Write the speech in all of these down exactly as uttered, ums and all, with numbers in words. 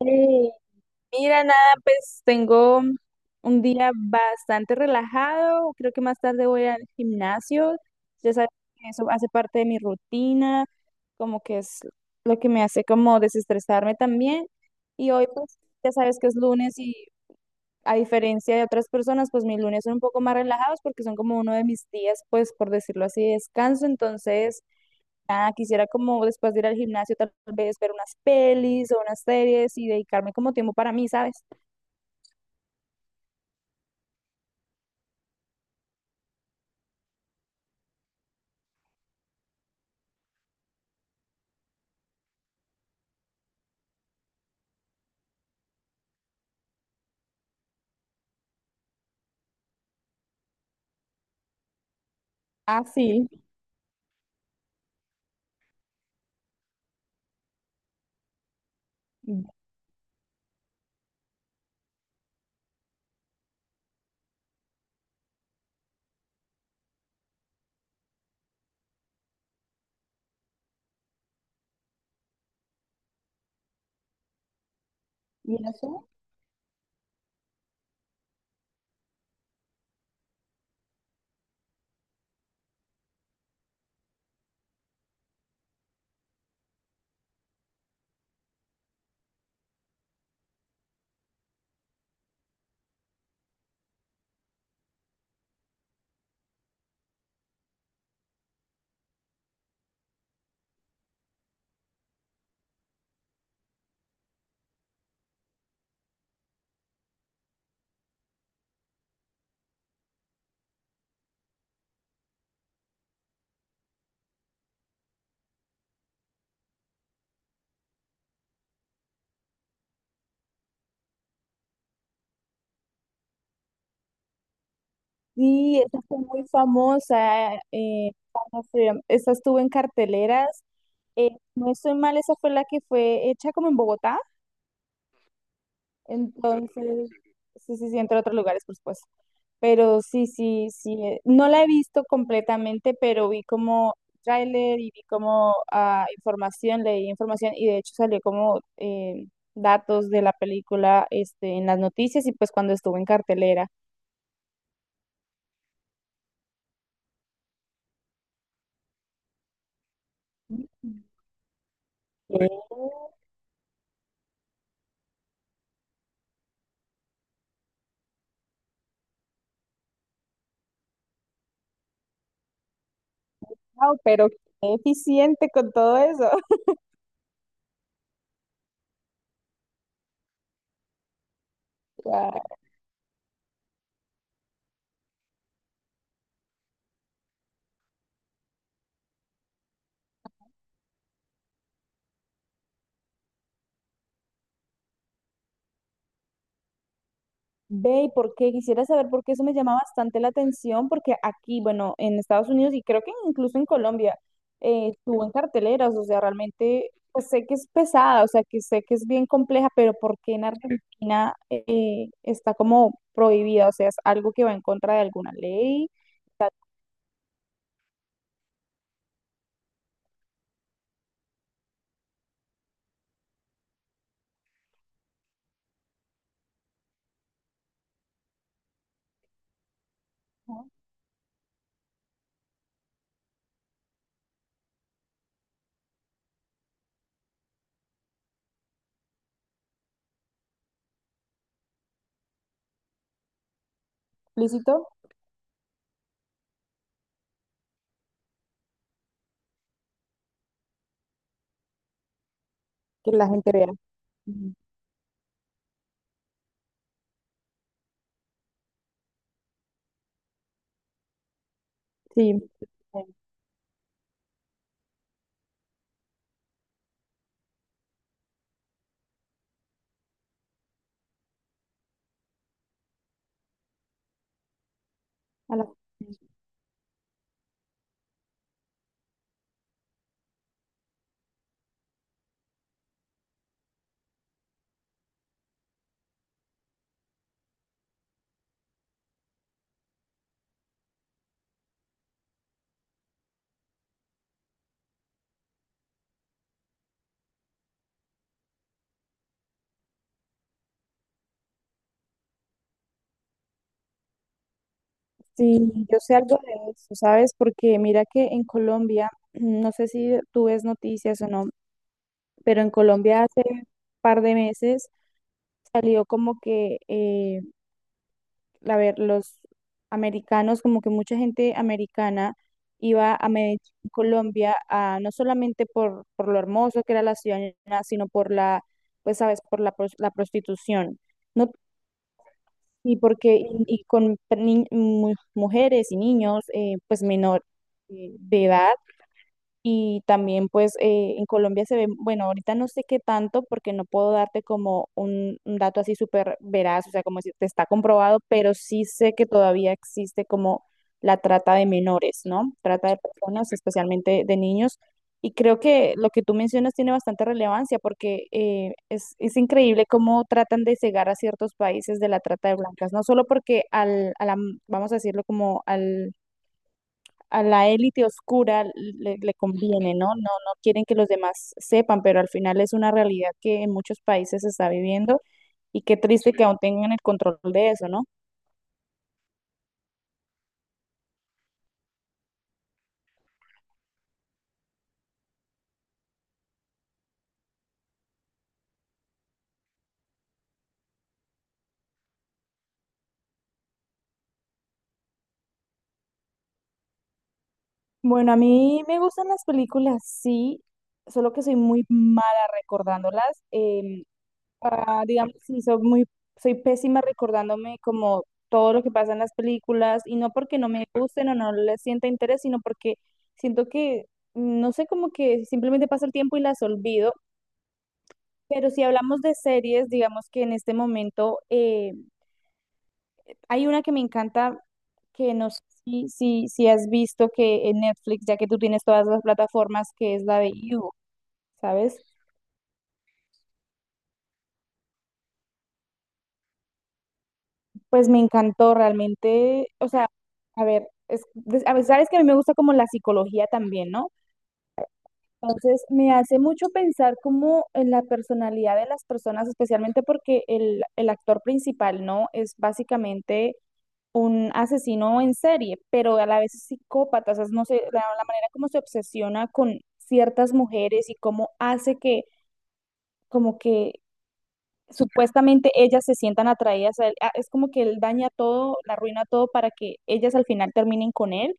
Hey, mira, nada, pues tengo un día bastante relajado. Creo que más tarde voy al gimnasio. Ya sabes que eso hace parte de mi rutina, como que es lo que me hace como desestresarme también. Y hoy, pues, ya sabes que es lunes y a diferencia de otras personas, pues mis lunes son un poco más relajados porque son como uno de mis días, pues, por decirlo así, de descanso. Entonces, nada, quisiera como después de ir al gimnasio tal vez ver unas pelis o unas series y dedicarme como tiempo para mí, ¿sabes? Ah, sí. ¿Y eso? Sí, esa fue muy famosa. Eh, cuando fui- esa estuvo en carteleras. Eh, no estoy mal, esa fue la que fue hecha como en Bogotá. Entonces, sí, sí, sí, entre otros lugares, por supuesto. Pero sí, sí, sí, eh, no la he visto completamente, pero vi como tráiler y vi como ah, información, leí información y de hecho salió como eh, datos de la película este, en las noticias y pues cuando estuvo en cartelera. Wow, pero qué eficiente con todo eso. Ve, ¿y ¿por qué? Quisiera saber por qué eso me llama bastante la atención, porque aquí, bueno, en Estados Unidos y creo que incluso en Colombia, eh, estuvo en carteleras, o sea, realmente pues, sé que es pesada, o sea, que sé que es bien compleja, pero ¿por qué en Argentina eh, está como prohibida? O sea, es algo que va en contra de alguna ley, está explícito que la gente vea. Ujú. Sí. A la- Sí, yo sé algo de eso, ¿sabes? Porque mira que en Colombia, no sé si tú ves noticias o no, pero en Colombia hace un par de meses salió como que, eh, a ver, los americanos, como que mucha gente americana iba a Medellín, Colombia, a, no solamente por, por lo hermoso que era la ciudad, ni nada, sino por la, pues sabes, por la, pros- la prostitución. No, y porque, y, y con ni- mu- mujeres y niños, eh, pues menor eh, de edad. Y también pues eh, en Colombia se ve, bueno, ahorita no sé qué tanto porque no puedo darte como un, un dato así súper veraz, o sea, como si te está comprobado, pero sí sé que todavía existe como la trata de menores, ¿no? Trata de personas, especialmente de niños. Y creo que lo que tú mencionas tiene bastante relevancia porque eh, es, es increíble cómo tratan de cegar a ciertos países de la trata de blancas, no solo porque al, a la- vamos a decirlo como al a la élite oscura le, le conviene, ¿no? No, no quieren que los demás sepan, pero al final es una realidad que en muchos países se está viviendo y qué triste que aún tengan el control de eso, ¿no? Bueno, a mí me gustan las películas, sí, solo que soy muy mala recordándolas. Em, ah, digamos, sí, soy muy, soy pésima recordándome como todo lo que pasa en las películas y no porque no me gusten o no les sienta interés, sino porque siento que, no sé, como que simplemente pasa el tiempo y las olvido. Pero si hablamos de series, digamos que en este momento eh, hay una que me encanta, que no sé si, si, si has visto que en Netflix, ya que tú tienes todas las plataformas, que es la de You, ¿sabes? Pues me encantó realmente, o sea, a ver, es, des- a ver, sabes que a mí me gusta como la psicología también, ¿no? Entonces me hace mucho pensar como en la personalidad de las personas, especialmente porque el, el actor principal, ¿no? Es básicamente un asesino en serie, pero a la vez es psicópata, o sea, no sé, la, la manera como se obsesiona con ciertas mujeres y cómo hace que, como que supuestamente ellas se sientan atraídas a él, ah, es como que él daña todo, la arruina todo para que ellas al final terminen con él,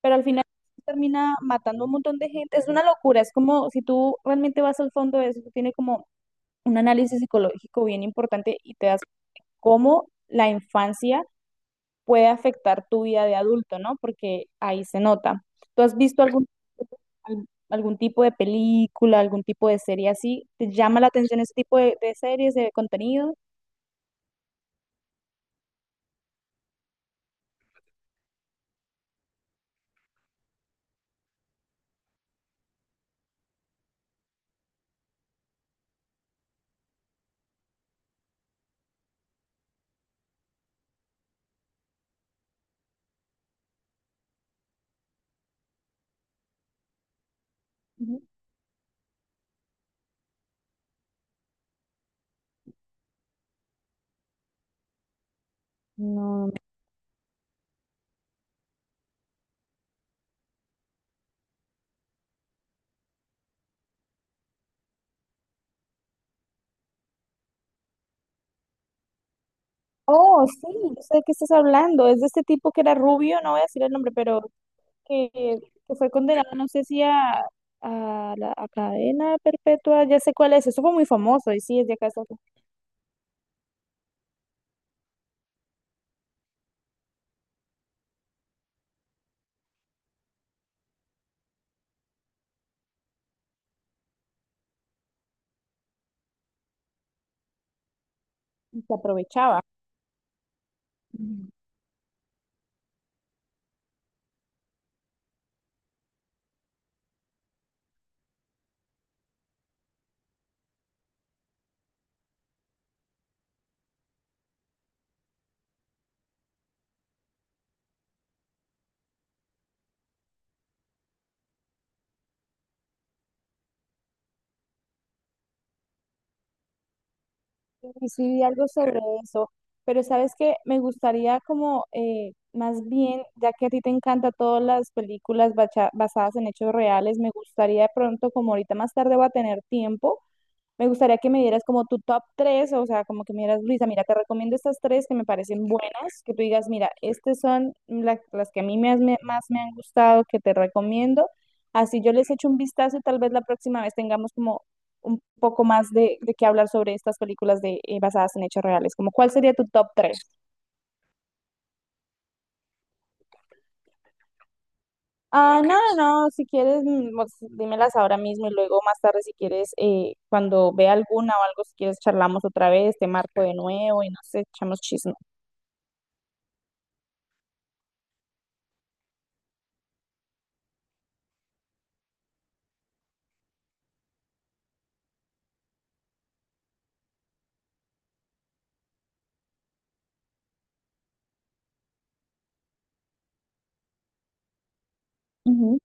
pero al final termina matando a un montón de gente, es una locura, es como si tú realmente vas al fondo de eso, tiene como un análisis psicológico bien importante y te das cómo la infancia puede afectar tu vida de adulto, ¿no? Porque ahí se nota. ¿Tú has visto algún, al- algún tipo de película, algún tipo de serie así? ¿Te llama la atención ese tipo de, de series, de contenido? Ujú. No. Oh, sí, yo sé de qué estás hablando. Es de este tipo que era rubio, no voy a decir el nombre, pero que, que fue condenado, no sé si a, a la a cadena perpetua, ya sé cuál es. Eso fue muy famoso y sí, es de acá, se se aprovechaba. Y sí vi algo sobre eso, pero sabes que me gustaría como eh, más bien, ya que a ti te encantan todas las películas bacha- basadas en hechos reales, me gustaría de pronto, como ahorita más tarde voy a tener tiempo, me gustaría que me dieras como tu top tres, o sea, como que me dieras, Luisa, mira, te recomiendo estas tres que me parecen buenas, que tú digas, mira, estas son la- las que a mí me has- me- más me han gustado, que te recomiendo. Así yo les echo un vistazo y tal vez la próxima vez tengamos como un poco más de, de qué hablar sobre estas películas de, eh, basadas en hechos reales. Como, ¿cuál sería tu top tres? Ah, no, no, no, si quieres, mm, pues, dímelas ahora mismo y luego más tarde, si quieres, eh, cuando vea alguna o algo, si quieres, charlamos otra vez, te marco de nuevo y no sé, echamos chisme. Ujú,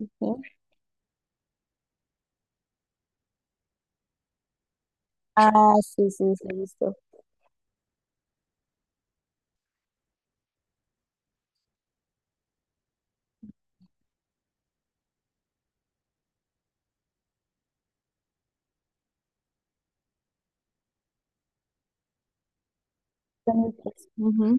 sí. Ah, sí, sí, sí, listo. Son mis tres. Ujú,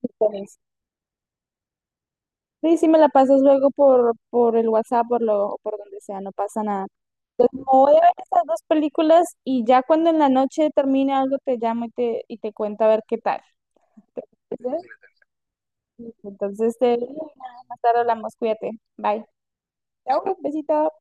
sí, con eso. Sí, sí, me la pasas luego por, por el WhatsApp, por lo, o por donde sea, no pasa nada. Entonces, me voy a ver estas dos películas y ya cuando en la noche termine algo te llamo y te, y te cuento a ver qué tal. ¿Te parece? Entonces, te, más tarde hablamos, cuídate. Bye. Chao, besito.